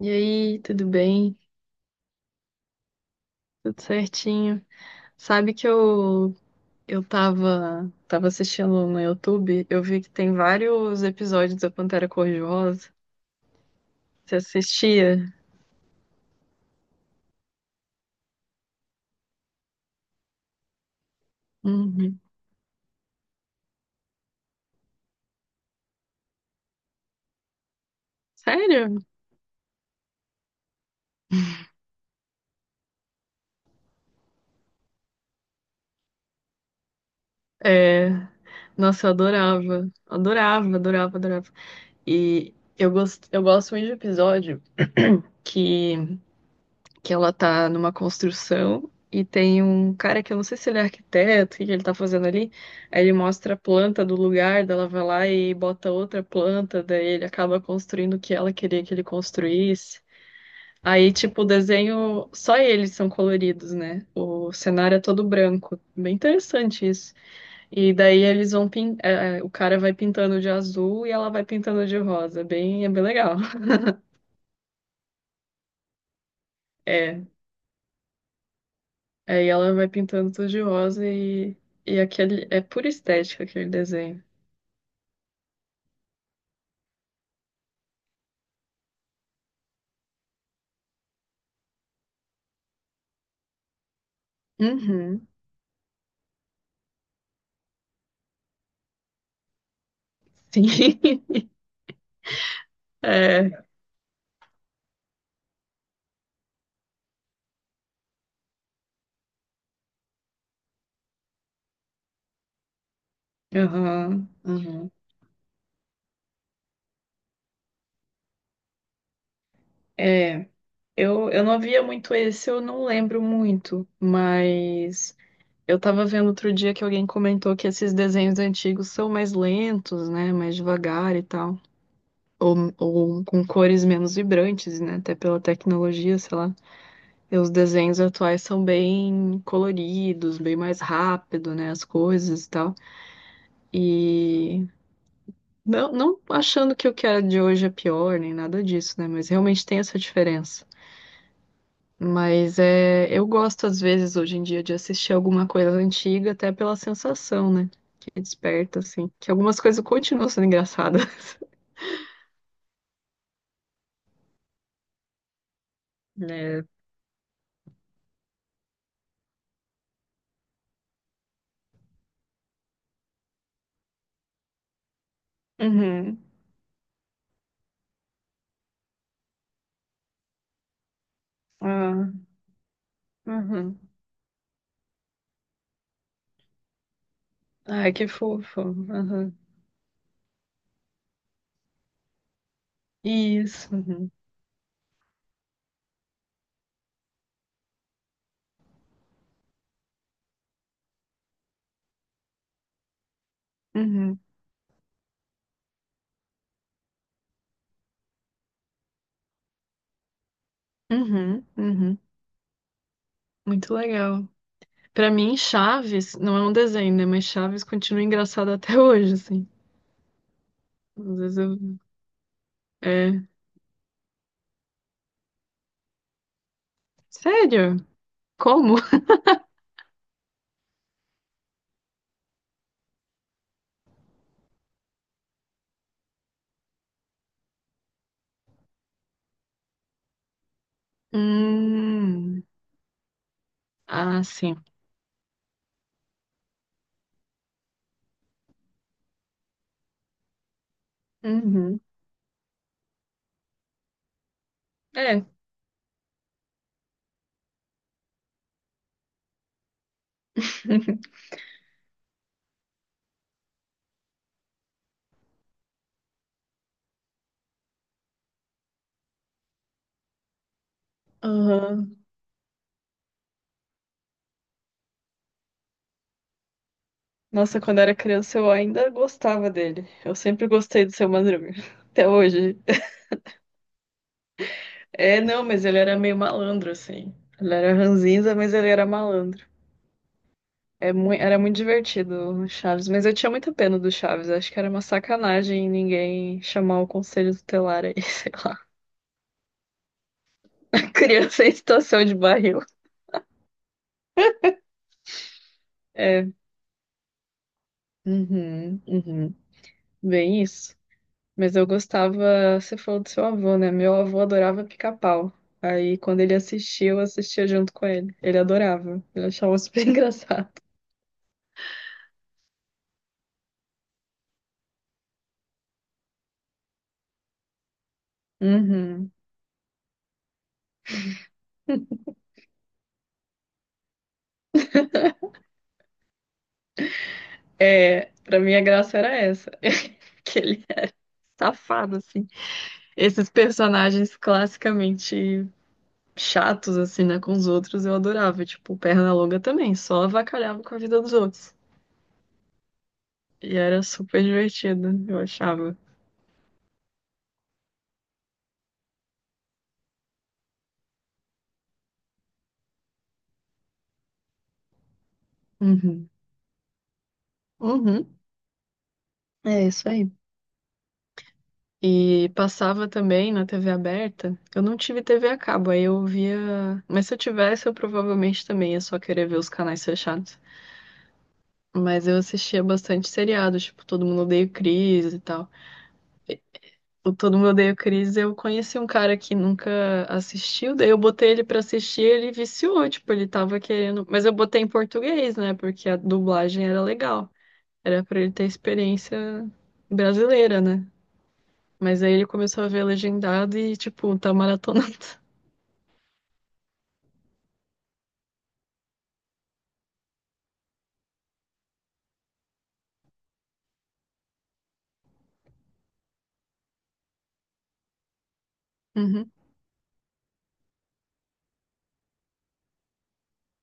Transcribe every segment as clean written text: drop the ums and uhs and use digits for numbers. E aí, tudo bem? Tudo certinho? Sabe que eu tava assistindo no YouTube, eu vi que tem vários episódios da Pantera Cor-de-Rosa. Você assistia? Uhum. Sério? É, nossa, eu adorava. Adorava, adorava, adorava. E eu gosto muito de episódio que que ela tá numa construção e tem um cara que eu não sei se ele é arquiteto, o que que ele tá fazendo ali. Aí ele mostra a planta do lugar, daí ela vai lá e bota outra planta, daí ele acaba construindo o que ela queria que ele construísse. Aí, tipo, o desenho, só eles são coloridos, né? O cenário é todo branco. Bem interessante isso. E daí eles o cara vai pintando de azul e ela vai pintando de rosa. Bem, é bem legal. É, aí ela vai pintando tudo de rosa e aquele é pura estética aquele desenho. Uhum. Sim. É. Aham. Aham. É. Eu não via muito esse, eu não lembro muito, mas eu tava vendo outro dia que alguém comentou que esses desenhos antigos são mais lentos, né? Mais devagar e tal. Ou com cores menos vibrantes, né? Até pela tecnologia, sei lá. E os desenhos atuais são bem coloridos, bem mais rápido, né? As coisas e tal. E não achando que o que é de hoje é pior, nem nada disso, né? Mas realmente tem essa diferença. Mas é, eu gosto, às vezes, hoje em dia, de assistir alguma coisa antiga, até pela sensação, né? Que desperta, assim. Que algumas coisas continuam sendo engraçadas. Né? Uhum. Ah, uhum. Ai, que fofo. Uhum. Isso. Uhum. Uhum. Uhum. Uhum. Muito legal. Pra mim, Chaves não é um desenho, né? Mas Chaves continua engraçado até hoje, assim. Às vezes eu... É... Sério? Como? Hum... Ah, sim. Uhum. É. Aham. Nossa, quando eu era criança eu ainda gostava dele. Eu sempre gostei do Seu Madruga. Até hoje. É, não, mas ele era meio malandro, assim. Ele era ranzinza, mas ele era malandro. É mui- era muito divertido o Chaves, mas eu tinha muita pena do Chaves. Acho que era uma sacanagem ninguém chamar o conselho tutelar aí, sei lá. Criança em situação de barril. É, uhum, uhum, bem isso. Mas eu gostava, você falou do seu avô, né? Meu avô adorava pica-pau. Aí quando ele assistia, eu assistia junto com ele. Ele adorava, ele achava super engraçado. Uhum. É, pra mim a graça era essa, que ele é safado, assim. Esses personagens classicamente chatos, assim, né, com os outros, eu adorava. Tipo, o Pernalonga também, só avacalhava com a vida dos outros. E era super divertido, eu achava. Uhum. Uhum. É isso aí. E passava também na TV aberta. Eu não tive TV a cabo, aí eu via. Mas se eu tivesse, eu provavelmente também ia só querer ver os canais fechados. Mas eu assistia bastante seriado, tipo, Todo Mundo Odeia o Chris e tal. O Todo Mundo Odeia o Chris, eu conheci um cara que nunca assistiu, daí eu botei ele pra assistir, ele viciou, tipo, ele tava querendo, mas eu botei em português, né, porque a dublagem era legal, era pra ele ter experiência brasileira, né? Mas aí ele começou a ver legendado e, tipo, tá maratonando. Uhum.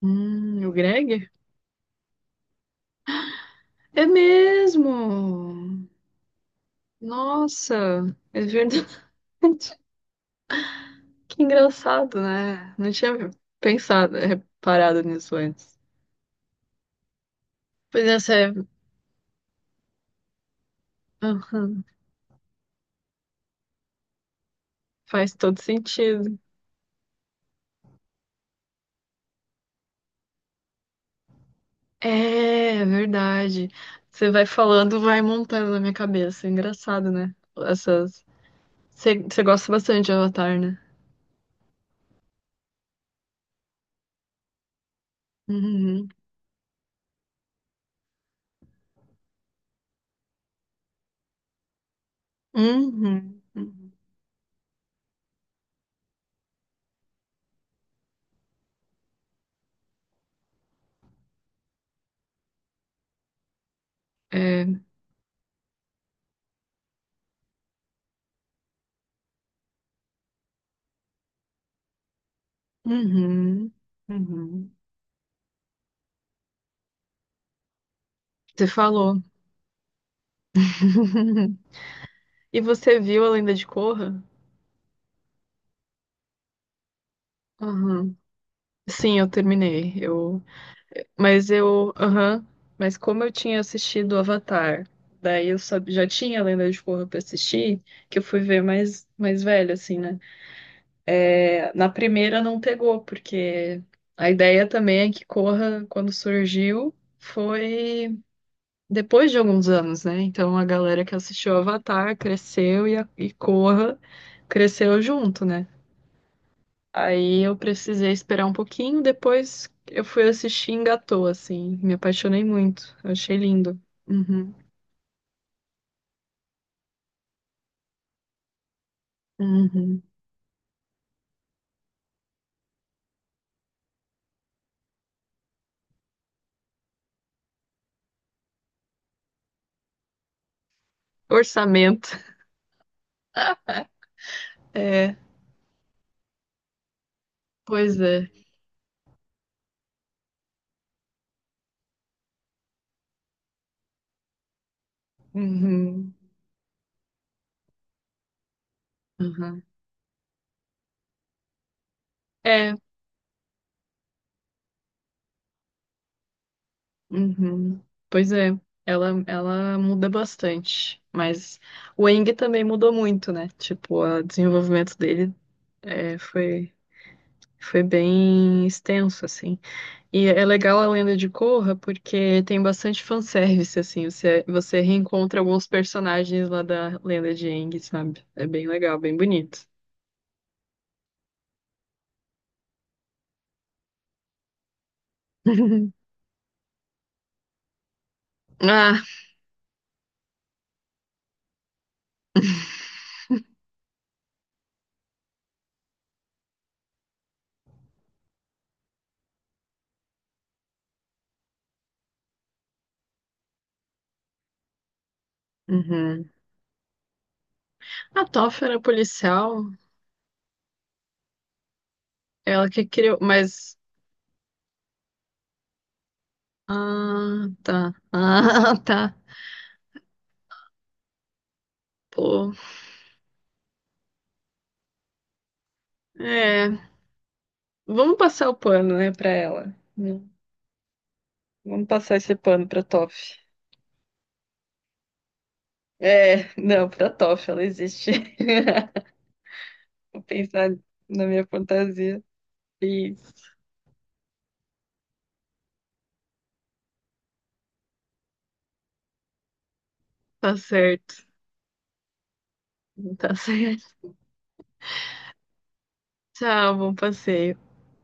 O Greg? É mesmo! Nossa, é verdade. Que engraçado, né? Não tinha pensado, reparado nisso antes. Pois é, essa aham, faz todo sentido. É, é verdade. Você vai falando, vai montando na minha cabeça. É engraçado, né? Essas. Você gosta bastante de Avatar, né? Uhum. Uhum. Uhum. É. Uhum. Uhum. Você falou. E você viu A Lenda de Korra? Aham. Sim, eu terminei. Eu mas eu, aham, mas como eu tinha assistido Avatar, daí eu sab- já tinha a Lenda de Korra pra assistir, que eu fui ver mais, mais velho, assim, né? É, na primeira não pegou, porque a ideia também é que Korra, quando surgiu, foi depois de alguns anos, né? Então a galera que assistiu Avatar cresceu e, a, e Korra cresceu junto, né? Aí eu precisei esperar um pouquinho, depois eu fui assistir e engatou, assim. Me apaixonei muito. Eu achei lindo. Uhum, uhum. Orçamento. É, pois é. Uhum, uhum. É, uhum. Pois é. Ela muda bastante. Mas o Eng também mudou muito, né? Tipo, o desenvolvimento dele é, foi, foi bem extenso, assim. E é legal a lenda de Korra porque tem bastante fanservice, assim. Você reencontra alguns personagens lá da lenda de Aang, sabe? É bem legal, bem bonito. Ah, uhum. A Toph era policial, ela que criou, mas. Ah, tá. Ah, tá. Pô. É. Vamos passar o pano, né, pra ela. Vamos passar esse pano pra Toph. É, não, pra Toph, ela existe. Vou pensar na minha fantasia. Isso. Tá certo. Tá certo. Tchau, bom passeio.